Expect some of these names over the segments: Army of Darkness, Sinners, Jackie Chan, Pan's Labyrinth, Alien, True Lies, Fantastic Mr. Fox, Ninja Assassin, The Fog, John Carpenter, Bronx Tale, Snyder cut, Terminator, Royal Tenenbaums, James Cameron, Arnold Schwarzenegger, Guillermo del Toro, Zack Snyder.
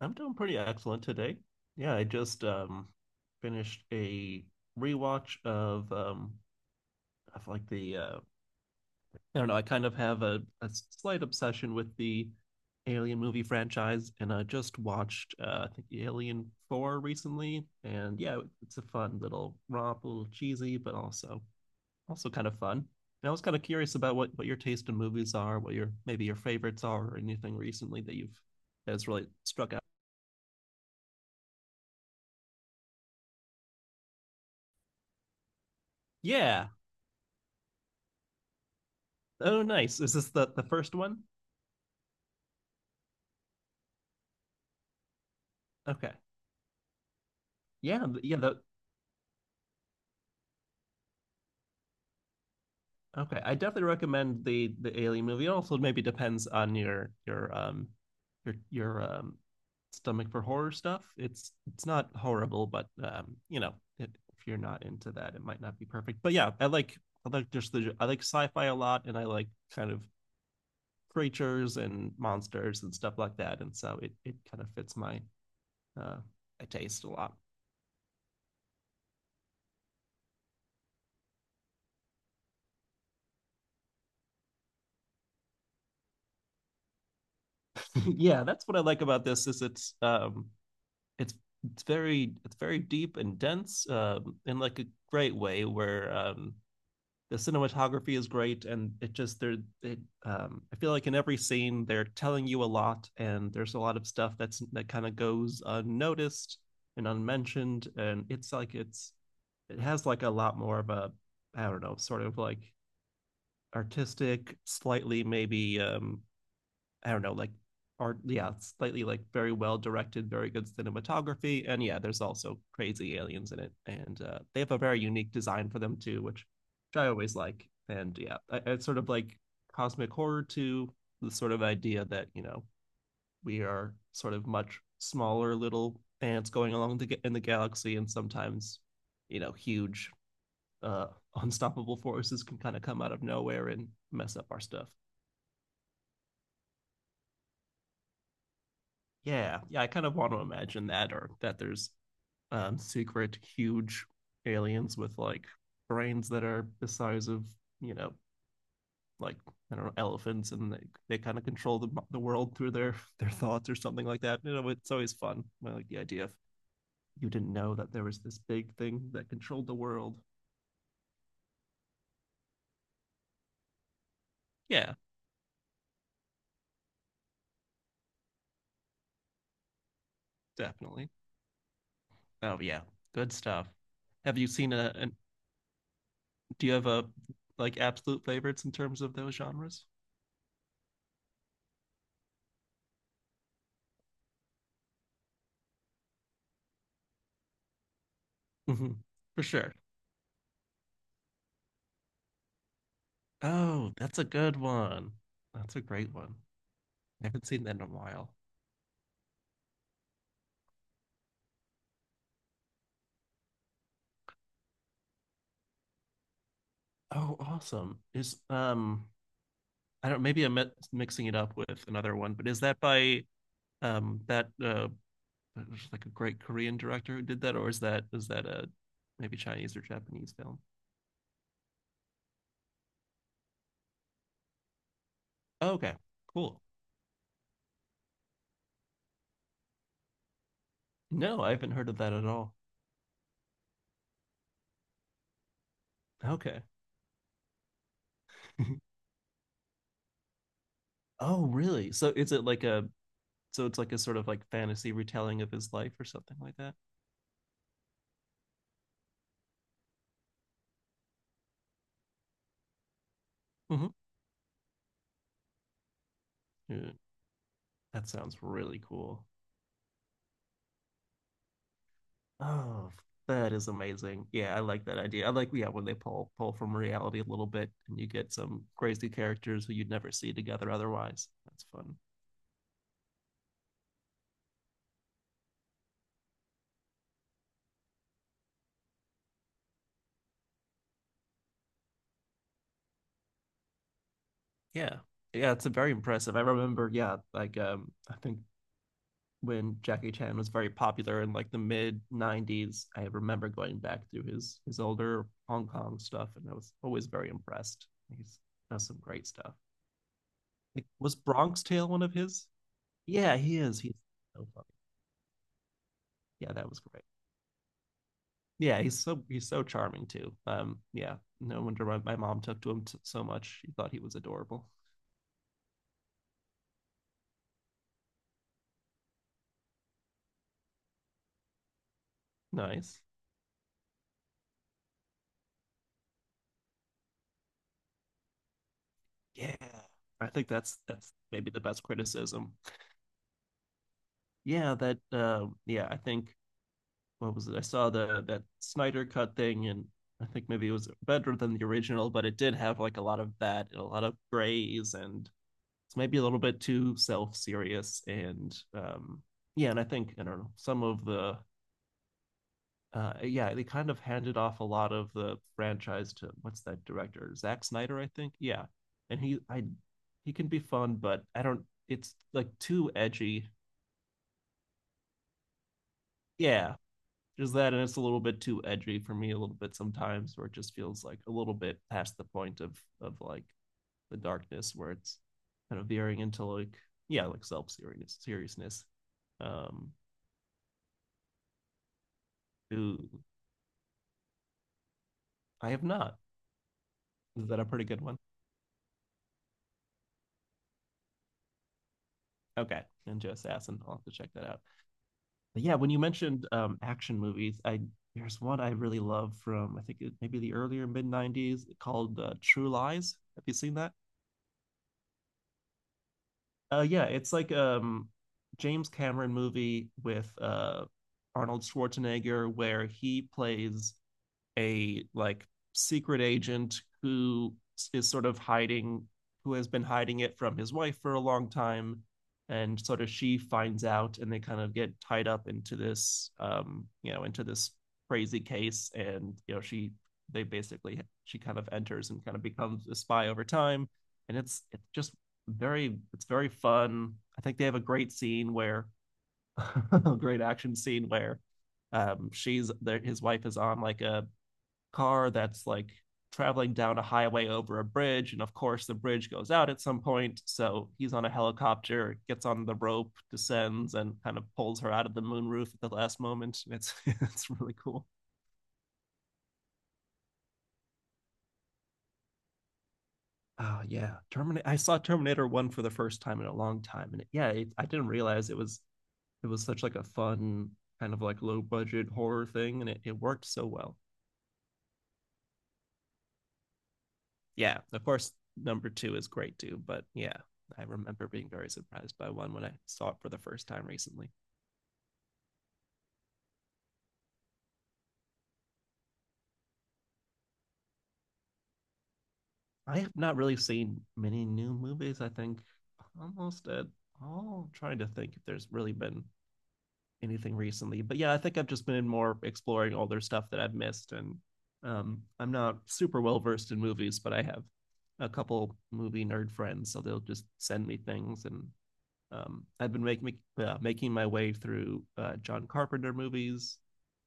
I'm doing pretty excellent today. Yeah, I just finished a rewatch of of like the I don't know, I kind of have a slight obsession with the Alien movie franchise, and I just watched I think Alien 4 recently. And yeah, it's a fun little romp, a little cheesy, but also kind of fun. And I was kind of curious about what your taste in movies are, what your maybe your favorites are, or anything recently that you've that's really struck out. Yeah. Oh, nice. Is this the first one? Okay. Yeah, the okay. I definitely recommend the Alien movie. It also maybe depends on your your stomach for horror stuff. It's not horrible, but you know, it, if you're not into that, it might not be perfect. But yeah, I like just the I like sci-fi a lot, and I like kind of creatures and monsters and stuff like that. And so it kind of fits my uh I taste a lot. Yeah, that's what I like about this, is it's it's it's very deep and dense, in like a great way where, the cinematography is great, and it just there it I feel like in every scene they're telling you a lot, and there's a lot of stuff that kind of goes unnoticed and unmentioned. And it's it has like a lot more of a, I don't know, sort of like artistic, slightly, maybe, I don't know, like art. Yeah, slightly like very well directed, very good cinematography. And yeah, there's also crazy aliens in it, and they have a very unique design for them too, which I always like. And yeah, it's sort of like cosmic horror to the sort of idea that, you know, we are sort of much smaller little ants going along the, in the galaxy, and sometimes, you know, huge uh unstoppable forces can kind of come out of nowhere and mess up our stuff. Yeah, I kind of want to imagine that, or that there's secret huge aliens with like brains that are the size of, you know, like, I don't know, elephants, and they kind of control the world through their their thoughts or something like that. You know, it's always fun. I like the idea of you didn't know that there was this big thing that controlled the world. Yeah, definitely. Oh yeah, good stuff. Have you seen a? Do you have a like absolute favorites in terms of those genres? Hmm. For sure. Oh, that's a good one. That's a great one. I haven't seen that in a while. Oh, awesome. Is I don't maybe I'm mixing it up with another one, but is that by that there's like a great Korean director who did that, or is that a maybe Chinese or Japanese film? Oh, okay. Cool. No, I haven't heard of that at all. Okay. Oh, really? So is it like a it's like a sort of like fantasy retelling of his life or something like that? Hmm. Yeah, that sounds really cool. Oh, that is amazing. Yeah, I like that idea. I like, yeah, when they pull from reality a little bit, and you get some crazy characters who you'd never see together otherwise. That's fun. Yeah. Yeah, it's a very impressive. I remember, yeah, like I think when Jackie Chan was very popular in like the mid 90s, I remember going back through his older Hong Kong stuff, and I was always very impressed. He's Does some great stuff. Like, was Bronx Tale one of his? Yeah, he is. He's so funny. Yeah, that was great. Yeah, he's so charming too. Yeah, no wonder my mom took to him so much. She thought he was adorable. Nice. Yeah, I think that's maybe the best criticism. Yeah, that. Yeah, I think what was it? I saw the that Snyder cut thing, and I think maybe it was better than the original, but it did have like a lot of that and a lot of grays, and it's maybe a little bit too self serious. And yeah, and I think I don't know some of the yeah, they kind of handed off a lot of the franchise to what's that director? Zack Snyder, I think. Yeah. And he I He can be fun, but I don't it's like too edgy. Yeah. There's that, and it's a little bit too edgy for me a little bit sometimes, where it just feels like a little bit past the point of like the darkness where it's kind of veering into like, yeah, like self serious seriousness. Um ooh, I have not. Is that a pretty good one? Okay. Ninja Assassin. I'll have to check that out. But yeah, when you mentioned action movies, I there's one I really love from I think it, maybe the earlier mid '90s, called True Lies. Have you seen that? Yeah, it's like James Cameron movie with Arnold Schwarzenegger, where he plays a like secret agent who is sort of hiding who has been hiding it from his wife for a long time, and sort of she finds out, and they kind of get tied up into this you know, into this crazy case, and you know she they basically she kind of enters and kind of becomes a spy over time. And it's just very it's very fun. I think they have a great scene where a great action scene where she's there his wife is on like a car that's like traveling down a highway over a bridge. And of course, the bridge goes out at some point. So he's on a helicopter, gets on the rope, descends, and kind of pulls her out of the moonroof at the last moment. It's really cool. Oh yeah, Terminator. I saw Terminator One for the first time in a long time, and yeah, I didn't realize it was such like a fun kind of like low budget horror thing, and it worked so well. Yeah, of course, number two is great too. But yeah, I remember being very surprised by one when I saw it for the first time recently. I have not really seen many new movies. I think almost at all. I'm trying to think if there's really been anything recently, but yeah, I think I've just been more exploring older stuff that I've missed. And I'm not super well versed in movies, but I have a couple movie nerd friends, so they'll just send me things. And I've been making my way through John Carpenter movies,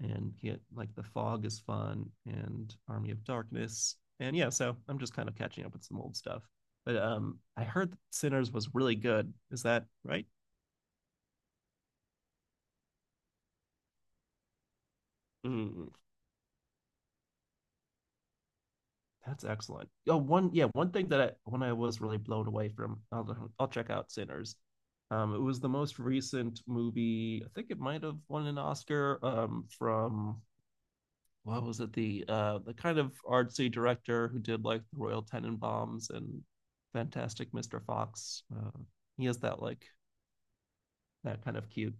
and get like The Fog is fun, and Army of Darkness. And yeah, so I'm just kind of catching up with some old stuff. But I heard that Sinners was really good. Is that right? Mm, that's excellent. Oh, one yeah, one thing that I when I was really blown away from, I'll check out Sinners. It was the most recent movie. I think it might have won an Oscar, from what was it the kind of artsy director who did like the Royal Tenenbaums and Fantastic Mr. Fox. He has that like that kind of cute.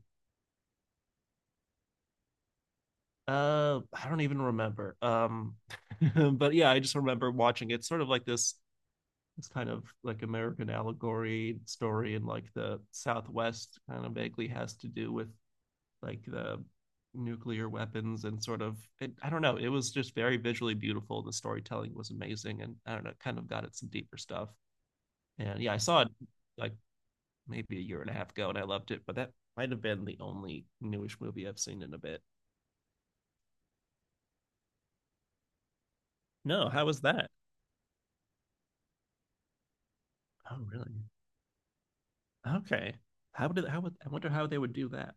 I don't even remember. But yeah, I just remember watching it. Sort of like this kind of like American allegory story, and like the Southwest kind of vaguely has to do with like the nuclear weapons and sort of it, I don't know. It was just very visually beautiful. The storytelling was amazing, and I don't know, kind of got at some deeper stuff. And yeah, I saw it like maybe a year and a half ago, and I loved it. But that might have been the only newish movie I've seen in a bit. No, how was that? Oh, really? Okay. How would I wonder how they would do that?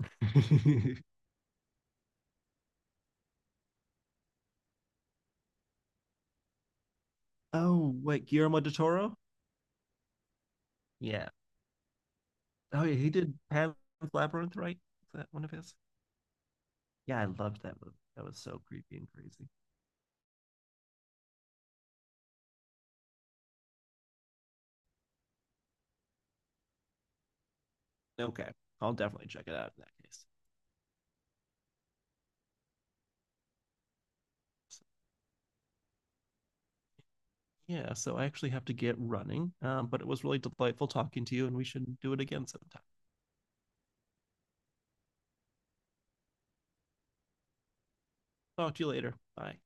Oh, wait, Guillermo del Toro? Yeah. Oh, yeah, he did Pan's Labyrinth, right? Is that one of his? Yeah, I loved that movie. That was so creepy and crazy. Okay, I'll definitely check it out in that case. So, yeah, so I actually have to get running, but it was really delightful talking to you, and we should do it again sometime. Talk to you later. Bye.